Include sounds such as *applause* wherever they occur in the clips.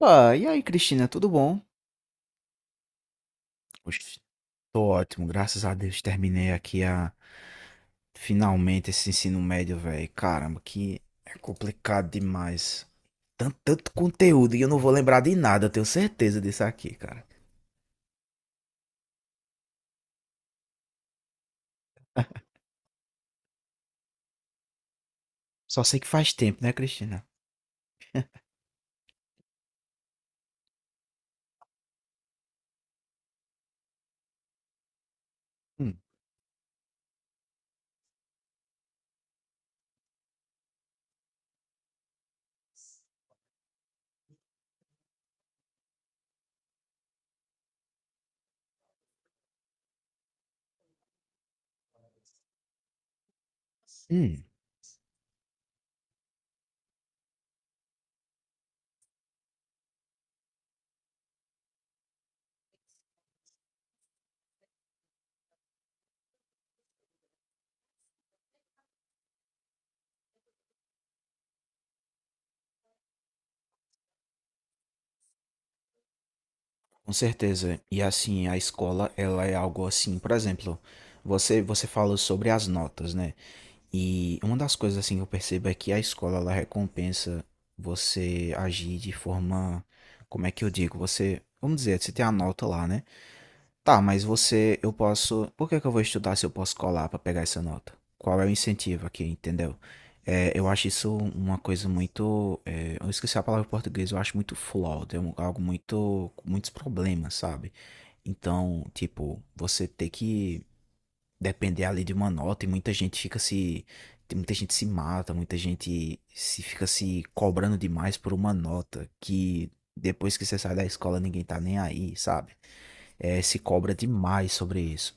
Opa, e aí, Cristina, tudo bom? Oxe, tô ótimo, graças a Deus terminei aqui a finalmente esse ensino médio, velho. Caramba, que é complicado demais. Tanto, tanto conteúdo e eu não vou lembrar de nada, eu tenho certeza disso aqui, cara. Só sei que faz tempo, né, Cristina? Hum, hum, com certeza. E assim, a escola, ela é algo assim, por exemplo, você falou sobre as notas, né? E uma das coisas assim que eu percebo é que a escola ela recompensa você agir de forma, como é que eu digo, você, vamos dizer, você tem a nota lá, né? Tá, mas você, eu posso, por que que eu vou estudar se eu posso colar pra pegar essa nota? Qual é o incentivo aqui, entendeu? É, eu acho isso uma coisa muito, é, eu esqueci a palavra em português, eu acho muito flawed, algo muito, com muitos problemas, sabe? Então, tipo, você ter que depender ali de uma nota e muita gente se mata, muita gente se fica se cobrando demais por uma nota que depois que você sai da escola ninguém tá nem aí, sabe? É, se cobra demais sobre isso.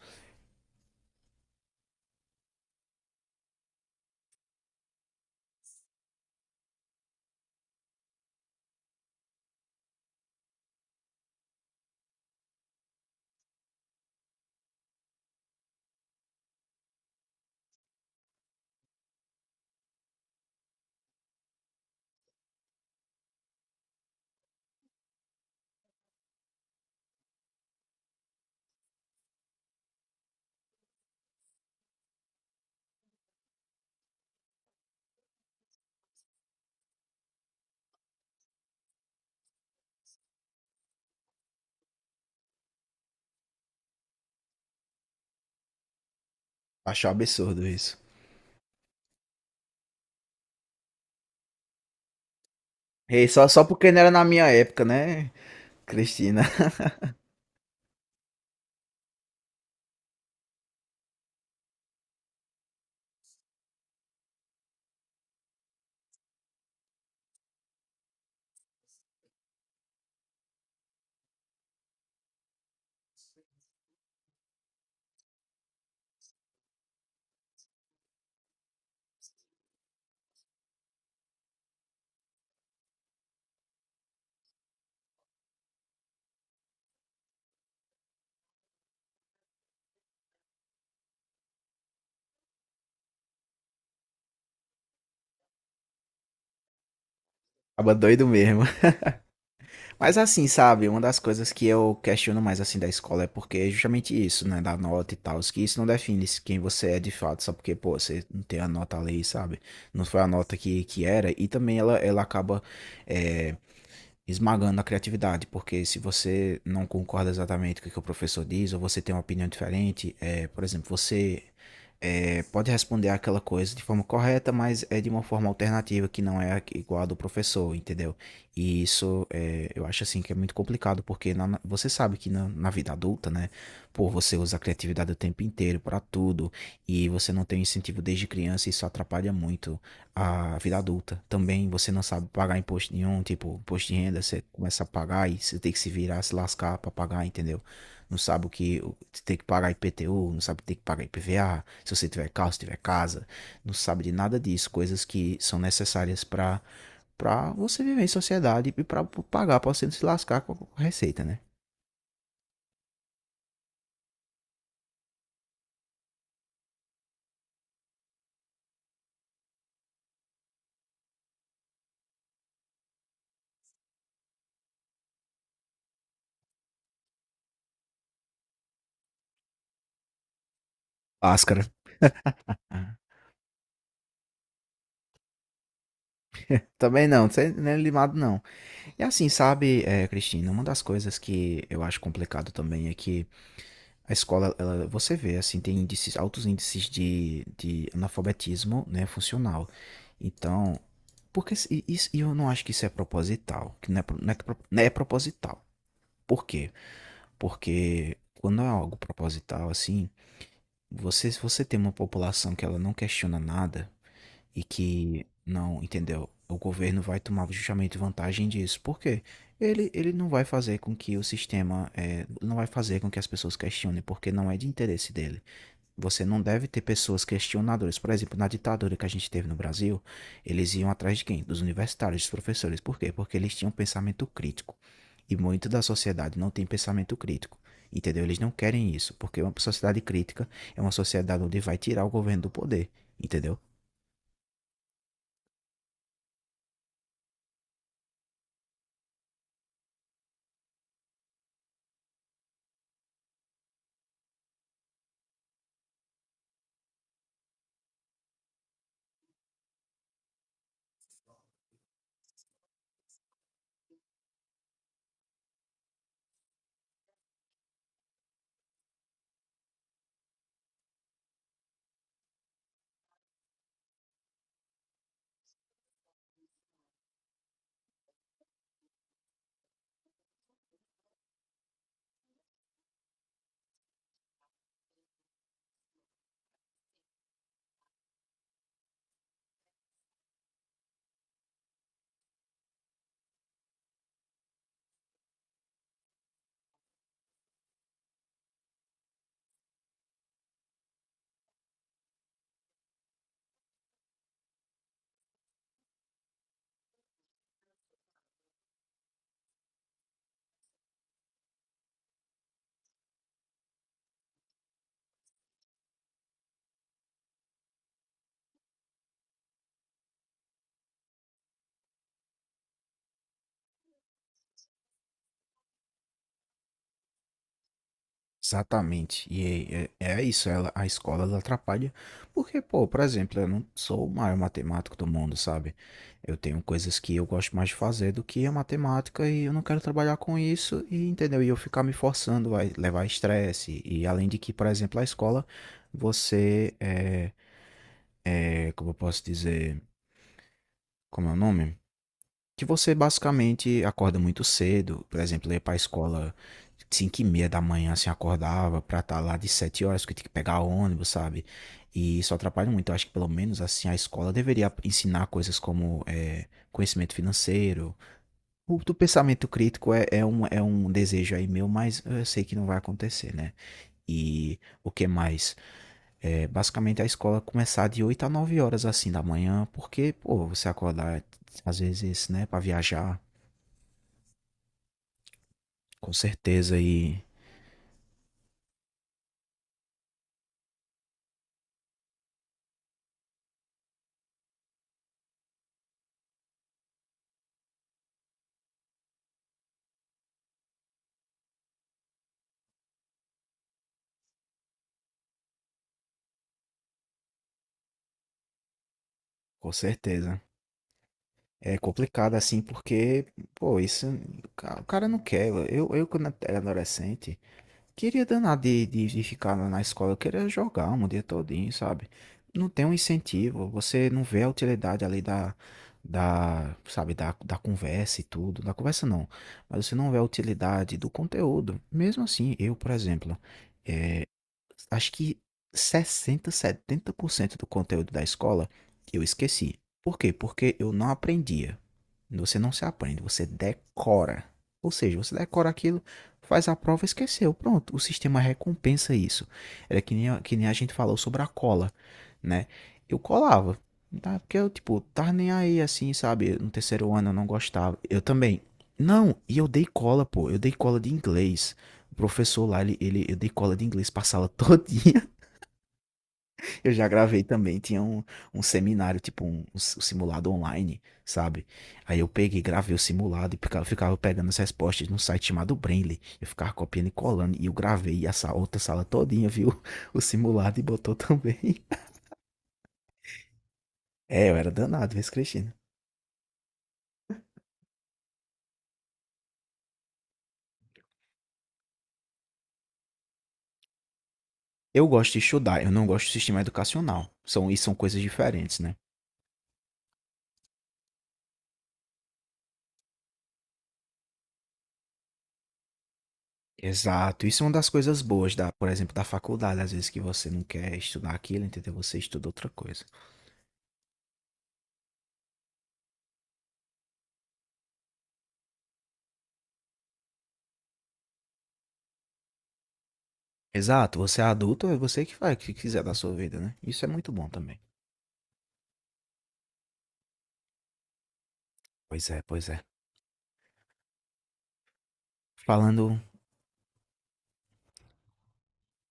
Acho um absurdo isso. E só porque não era na minha época, né, Cristina? *laughs* Tava doido mesmo. Mas assim, sabe, uma das coisas que eu questiono mais assim da escola é porque é justamente isso, né, da nota e tal, que isso não define se quem você é de fato, só porque, pô, você não tem a nota ali, sabe? Não foi a nota que era, e também ela acaba eh, esmagando a criatividade, porque se você não concorda exatamente com o que o professor diz, ou você tem uma opinião diferente, é, por exemplo, você pode responder aquela coisa de forma correta, mas é de uma forma alternativa que não é igual a do professor, entendeu? E isso é, eu acho assim que é muito complicado, porque você sabe que na vida adulta, né, pô, você usa a criatividade o tempo inteiro para tudo, e você não tem incentivo desde criança, e isso atrapalha muito a vida adulta. Também você não sabe pagar imposto nenhum, tipo, imposto de renda, você começa a pagar e você tem que se virar, se lascar pra pagar, entendeu? Não sabe o que você tem que pagar IPTU, não sabe o que tem que pagar IPVA, se você tiver carro, se tiver casa, não sabe de nada disso, coisas que são necessárias pra você viver em sociedade e pra pagar, pra você não se lascar com a receita, né? Máscara. Ah. Também não, não é limado não. E assim, sabe, é, Cristina, uma das coisas que eu acho complicado também é que a escola, ela, você vê, assim, tem índices, altos índices de analfabetismo, né, funcional. Então, porque isso, e eu não acho que isso é proposital, que não é, não é, que não é proposital. Por quê? Porque quando é algo proposital, assim, você, se você tem uma população que ela não questiona nada e que não, entendeu? O governo vai tomar justamente vantagem disso. Por quê? Ele não vai fazer com que o sistema, não vai fazer com que as pessoas questionem, porque não é de interesse dele. Você não deve ter pessoas questionadoras. Por exemplo, na ditadura que a gente teve no Brasil, eles iam atrás de quem? Dos universitários, dos professores. Por quê? Porque eles tinham pensamento crítico. E muito da sociedade não tem pensamento crítico. Entendeu? Eles não querem isso, porque uma sociedade crítica é uma sociedade onde vai tirar o governo do poder. Entendeu? Exatamente. E é isso, a escola ela atrapalha, porque, pô, por exemplo, eu não sou o maior matemático do mundo, sabe? Eu tenho coisas que eu gosto mais de fazer do que a matemática e eu não quero trabalhar com isso, e entendeu? E eu ficar me forçando vai levar estresse. E além de que, por exemplo, a escola, você como eu posso dizer, como é o nome? Que você basicamente acorda muito cedo, por exemplo, eu ia pra escola 5 e meia da manhã, assim, acordava pra estar lá de 7 horas, porque tem que pegar ônibus, sabe? E isso atrapalha muito. Eu acho que pelo menos, assim, a escola deveria ensinar coisas como conhecimento financeiro. Do pensamento crítico é um desejo aí meu, mas eu sei que não vai acontecer, né? E o que mais? É, basicamente a escola começar de 8 a 9 horas, assim, da manhã, porque, pô, você acordar às vezes, né, para viajar. Com certeza, e com certeza. É complicado assim, porque, pô, isso o cara não quer. Eu quando era adolescente, queria danar de ficar na escola, eu queria jogar um dia todinho, sabe? Não tem um incentivo, você não vê a utilidade ali sabe, da conversa e tudo. Da conversa não, mas você não vê a utilidade do conteúdo. Mesmo assim, eu, por exemplo. Acho que 60, 70% do conteúdo da escola eu esqueci. Por quê? Porque eu não aprendia. Você não se aprende, você decora. Ou seja, você decora aquilo, faz a prova e esqueceu. Pronto, o sistema recompensa isso. Era que nem, que nem a gente falou sobre a cola, né? Eu colava, tá? Porque eu, tipo, tava nem aí assim, sabe? No terceiro ano eu não gostava. Eu também. Não, e eu dei cola, pô. Eu dei cola de inglês. O professor lá, eu dei cola de inglês pra sala todinha. *laughs* Eu já gravei também, tinha um seminário, tipo um simulado online, sabe? Aí eu peguei, gravei o simulado e ficava pegando as respostas num site chamado Brainly. Eu ficava copiando e colando e eu gravei essa outra sala todinha, viu? *laughs* O simulado e botou também. *laughs* É, eu era danado, viu, Cristina? Eu gosto de estudar, eu não gosto do sistema educacional. São coisas diferentes, né? Exato. Isso é uma das coisas boas da, por exemplo, da faculdade, às vezes que você não quer estudar aquilo, entendeu? Você estuda outra coisa. Exato. Você é adulto, é você que faz o que quiser da sua vida, né? Isso é muito bom também. Pois é, pois é. Falando,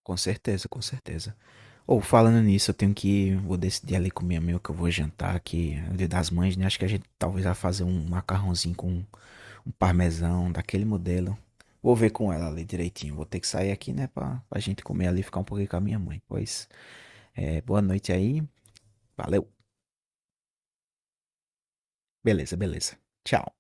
com certeza, com certeza. Ou falando nisso, eu tenho que, vou decidir ali com minha amiga que eu vou jantar, que é o dia das mães, né? Acho que a gente talvez vai fazer um macarrãozinho com um parmesão daquele modelo. Vou ver com ela ali direitinho. Vou ter que sair aqui, né, pra gente comer ali e ficar um pouquinho com a minha mãe. Pois é, boa noite aí. Valeu. Beleza, beleza. Tchau.